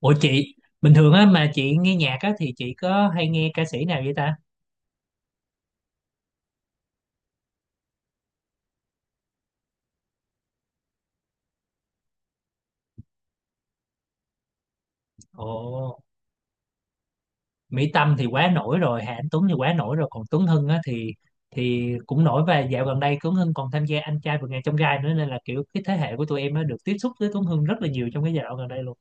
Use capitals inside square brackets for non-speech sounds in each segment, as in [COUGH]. Ủa chị, bình thường á mà chị nghe nhạc á thì chị có hay nghe ca sĩ nào vậy ta? Ồ, Mỹ Tâm thì quá nổi rồi, Hà Anh Tuấn thì quá nổi rồi, còn Tuấn Hưng á thì cũng nổi. Và dạo gần đây Tuấn Hưng còn tham gia Anh trai vượt ngàn chông gai nữa, nên là kiểu cái thế hệ của tụi em á được tiếp xúc với Tuấn Hưng rất là nhiều trong cái giai đoạn gần đây luôn.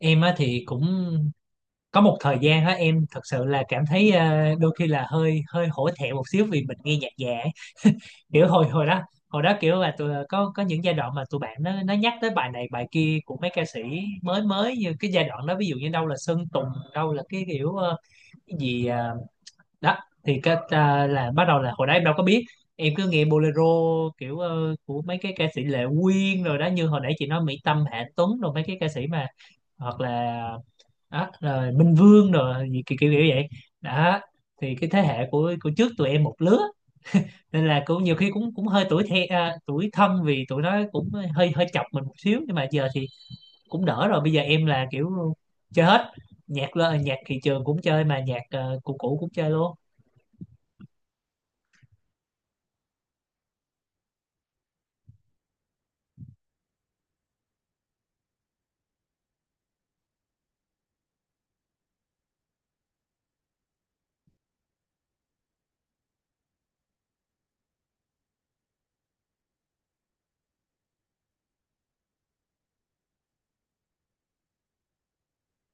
Em á thì cũng có một thời gian á em thật sự là cảm thấy đôi khi là hơi hơi hổ thẹn một xíu, vì mình nghe nhạc già, kiểu hồi hồi đó, kiểu là tụi có những giai đoạn mà tụi bạn nó nhắc tới bài này bài kia của mấy ca sĩ mới mới, như cái giai đoạn đó, ví dụ như đâu là Sơn Tùng, đâu là cái kiểu cái gì đó. Thì cái là bắt đầu, là hồi đó em đâu có biết, em cứ nghe bolero kiểu của mấy cái ca sĩ Lệ Quyên rồi đó, như hồi nãy chị nói Mỹ Tâm, Hạ Tuấn, rồi mấy cái ca sĩ mà hoặc là đó, rồi Minh Vương, rồi gì kiểu kiểu kiểu vậy đó. Thì cái thế hệ của trước tụi em một lứa, nên là cũng nhiều khi cũng cũng hơi tuổi tuổi thân, vì tụi nó cũng hơi hơi chọc mình một xíu. Nhưng mà giờ thì cũng đỡ rồi, bây giờ em là kiểu chơi hết, nhạc lơ nhạc thị trường cũng chơi mà nhạc cũ cũ cũng chơi luôn.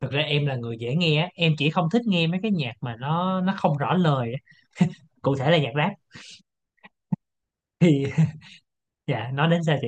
Thực ra em là người dễ nghe á. Em chỉ không thích nghe mấy cái nhạc mà nó không rõ lời á. Cụ thể là nhạc rap thì [LAUGHS] dạ, nói đến sao chị?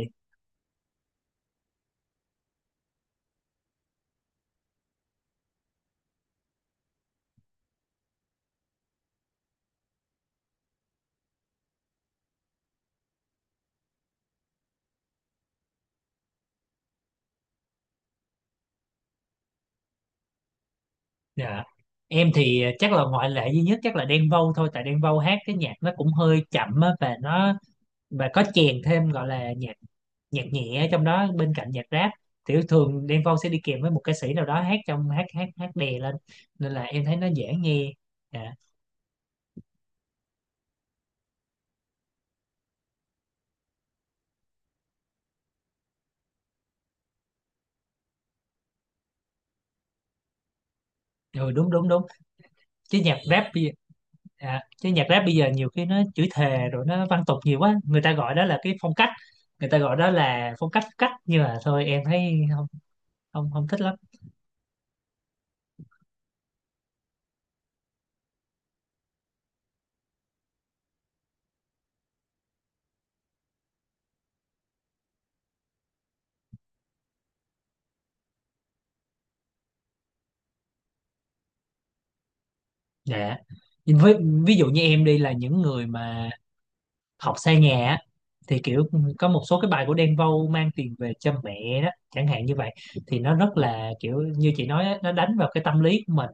Dạ, em thì chắc là ngoại lệ duy nhất chắc là Đen Vâu thôi, tại Đen Vâu hát cái nhạc nó cũng hơi chậm á, và có chèn thêm gọi là nhạc nhạc nhẹ trong đó bên cạnh nhạc rap. Thì thường Đen Vâu sẽ đi kèm với một ca sĩ nào đó hát trong hát hát hát đè lên, nên là em thấy nó dễ nghe. Dạ rồi, đúng đúng đúng. Chứ nhạc rap bây giờ, nhiều khi nó chửi thề rồi nó văn tục nhiều quá, người ta gọi đó là cái phong cách, người ta gọi đó là phong cách cách nhưng mà thôi, em thấy không không không thích lắm. Dạ, với ví dụ như em đi, là những người mà học xa nhà á, thì kiểu có một số cái bài của Đen Vâu, mang tiền về cho mẹ đó chẳng hạn như vậy, thì nó rất là kiểu như chị nói á, nó đánh vào cái tâm lý của mình.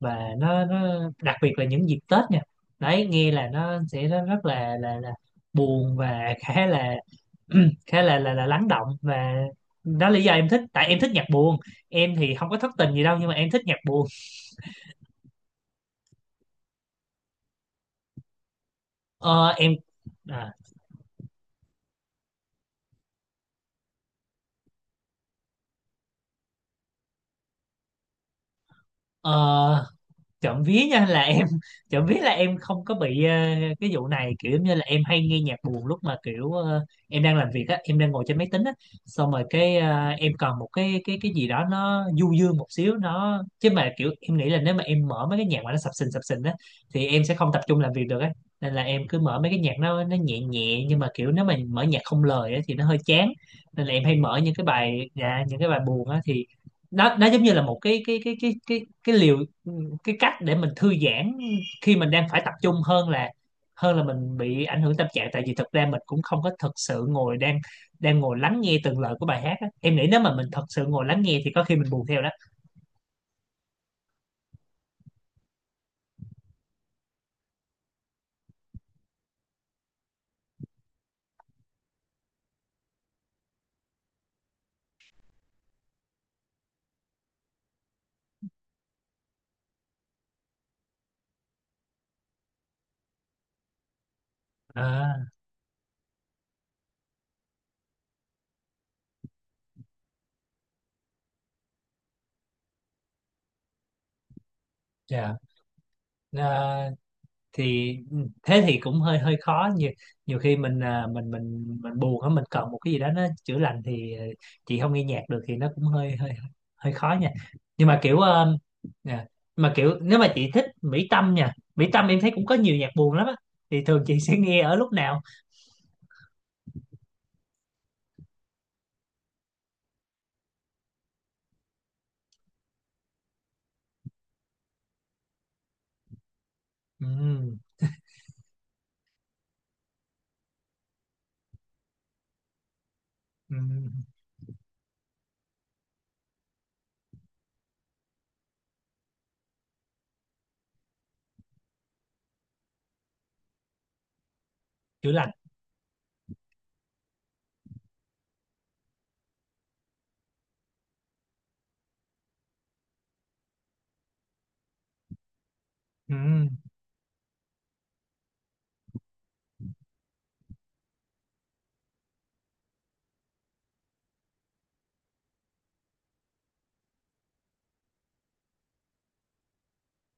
Và nó đặc biệt là những dịp Tết nha, đấy nghe là nó sẽ rất rất là buồn và khá là [CLEARS THROAT] khá là lắng động. Và đó là lý do em thích, tại em thích nhạc buồn. Em thì không có thất tình gì đâu nhưng mà em thích nhạc buồn. Ờ, em à, ờ, trộm vía nha là em [LAUGHS] trộm vía là em không có bị cái vụ này, kiểu giống như là em hay nghe nhạc buồn lúc mà kiểu em đang làm việc á, em đang ngồi trên máy tính á. Xong rồi cái em cần một cái gì đó nó du dương một xíu, nó chứ mà kiểu em nghĩ là nếu mà em mở mấy cái nhạc mà nó sập sình á thì em sẽ không tập trung làm việc được á. Nên là em cứ mở mấy cái nhạc nó nhẹ nhẹ, nhưng mà kiểu nếu mà mở nhạc không lời á thì nó hơi chán. Nên là em hay mở những cái bài, dạ, những cái bài buồn á. Thì nó giống như là một cái liều, cái cách để mình thư giãn khi mình đang phải tập trung, hơn là mình bị ảnh hưởng tâm trạng. Tại vì thực ra mình cũng không có thực sự ngồi đang đang ngồi lắng nghe từng lời của bài hát á. Em nghĩ nếu mà mình thật sự ngồi lắng nghe thì có khi mình buồn theo đó. À, dạ. À, thì ừ, thế thì cũng hơi hơi khó, nhiều nhiều khi mình buồn á, mình cần một cái gì đó nó chữa lành, thì chị không nghe nhạc được thì nó cũng hơi hơi hơi khó nha. Nhưng mà kiểu nè, mà kiểu nếu mà chị thích Mỹ Tâm, nha Mỹ Tâm em thấy cũng có nhiều nhạc buồn lắm á, thì thường chị sẽ nghe ở lúc nào? Ừm, ừm, chữa lành. Ừm,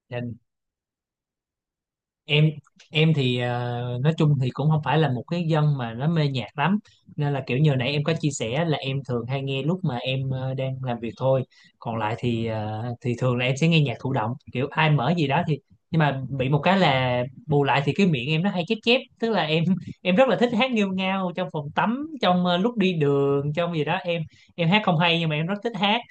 dạ, em em thì nói chung thì cũng không phải là một cái dân mà nó mê nhạc lắm, nên là kiểu như nãy em có chia sẻ là em thường hay nghe lúc mà em đang làm việc thôi. Còn lại thì thì thường là em sẽ nghe nhạc thụ động, kiểu ai mở gì đó thì... nhưng mà bị một cái là bù lại thì cái miệng em nó hay chép chép, tức là em [LAUGHS] em rất là thích hát nghêu ngao trong phòng tắm, trong lúc đi đường, trong gì đó. Em hát không hay nhưng mà em rất thích hát.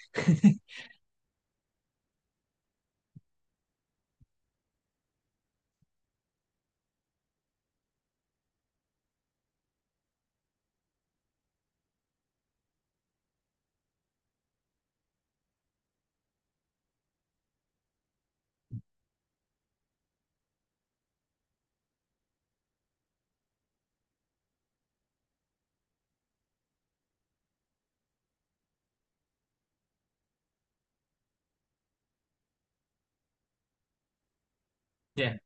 Dạ.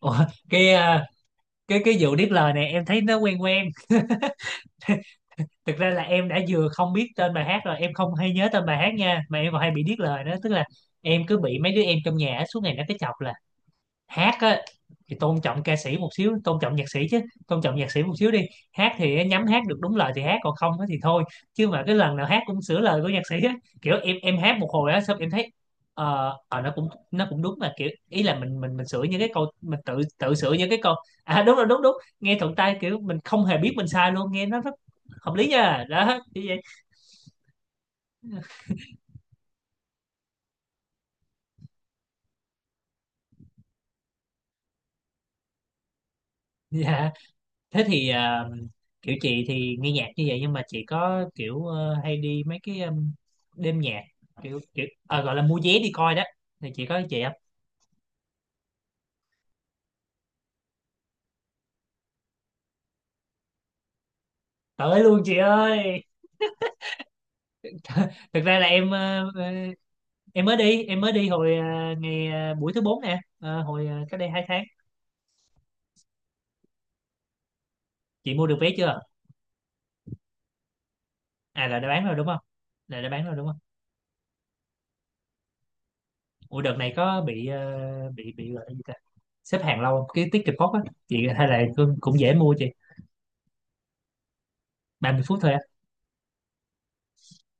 Ủa, cái ờ, cái vụ điếc lời này em thấy nó quen quen. Thực ra là em đã vừa không biết tên bài hát, rồi em không hay nhớ tên bài hát nha, mà em còn hay bị điếc lời nữa. Tức là em cứ bị mấy đứa em trong nhà á, suốt ngày nó cứ chọc là: hát á thì tôn trọng ca sĩ một xíu, tôn trọng nhạc sĩ chứ, tôn trọng nhạc sĩ một xíu đi, hát thì nhắm hát được đúng lời thì hát còn không á thì thôi, chứ mà cái lần nào hát cũng sửa lời của nhạc sĩ á. Kiểu em hát một hồi á xong em thấy nó cũng đúng, mà kiểu ý là mình sửa những cái câu, mình tự tự sửa những cái câu... À đúng rồi, đúng đúng, nghe thuận tay, kiểu mình không hề biết mình sai luôn, nghe nó rất hợp lý nha, đó như vậy. Dạ. Thế thì kiểu chị thì nghe nhạc như vậy, nhưng mà chị có kiểu hay đi mấy cái đêm nhạc, kiểu kiểu ờ, gọi là mua vé đi coi đó, thì chị có chị không? Tới luôn chị ơi. Thực ra là em em mới đi hồi buổi thứ bốn nè. Ờ, hồi cách đây 2 tháng. Chị mua được vé chưa? À là đã bán rồi đúng không? Là đã bán rồi đúng không? Ủa, đợt này có bị ờ, bị gọi là gì ta, xếp hàng lâu không? Cái ticket box á chị hay là cũng cũng dễ mua chị? 30 phút thôi á?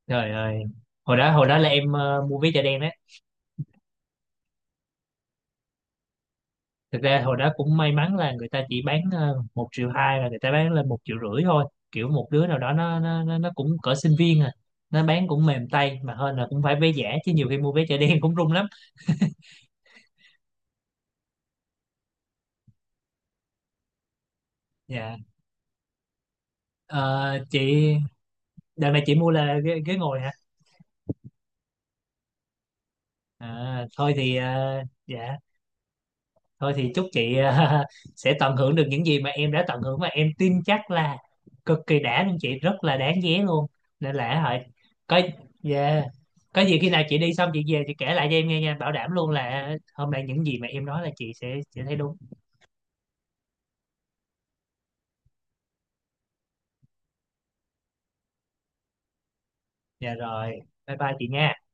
Trời ơi, hồi đó là em mua vé chợ đen đấy. Thực ra hồi đó cũng may mắn là người ta chỉ bán 1,2 triệu, là người ta bán lên 1,5 triệu thôi. Kiểu một đứa nào đó nó cũng cỡ sinh viên à, nó bán cũng mềm tay mà hơn, là cũng phải vé giả chứ, nhiều khi mua vé chợ đen cũng rung lắm. Dạ. Ờ, chị đợt này chị mua là ghế, ghế ngồi hả? À, thôi thì dạ thôi thì chúc chị [LAUGHS] sẽ tận hưởng được những gì mà em đã tận hưởng, và em tin chắc là cực kỳ đã luôn, chị rất là đáng ghé luôn nên là hỏi có... Yeah. Có gì khi nào chị đi xong chị về chị kể lại cho em nghe nha, bảo đảm luôn là hôm nay những gì mà em nói là chị sẽ thấy đúng. Dạ rồi, bye bye chị nha.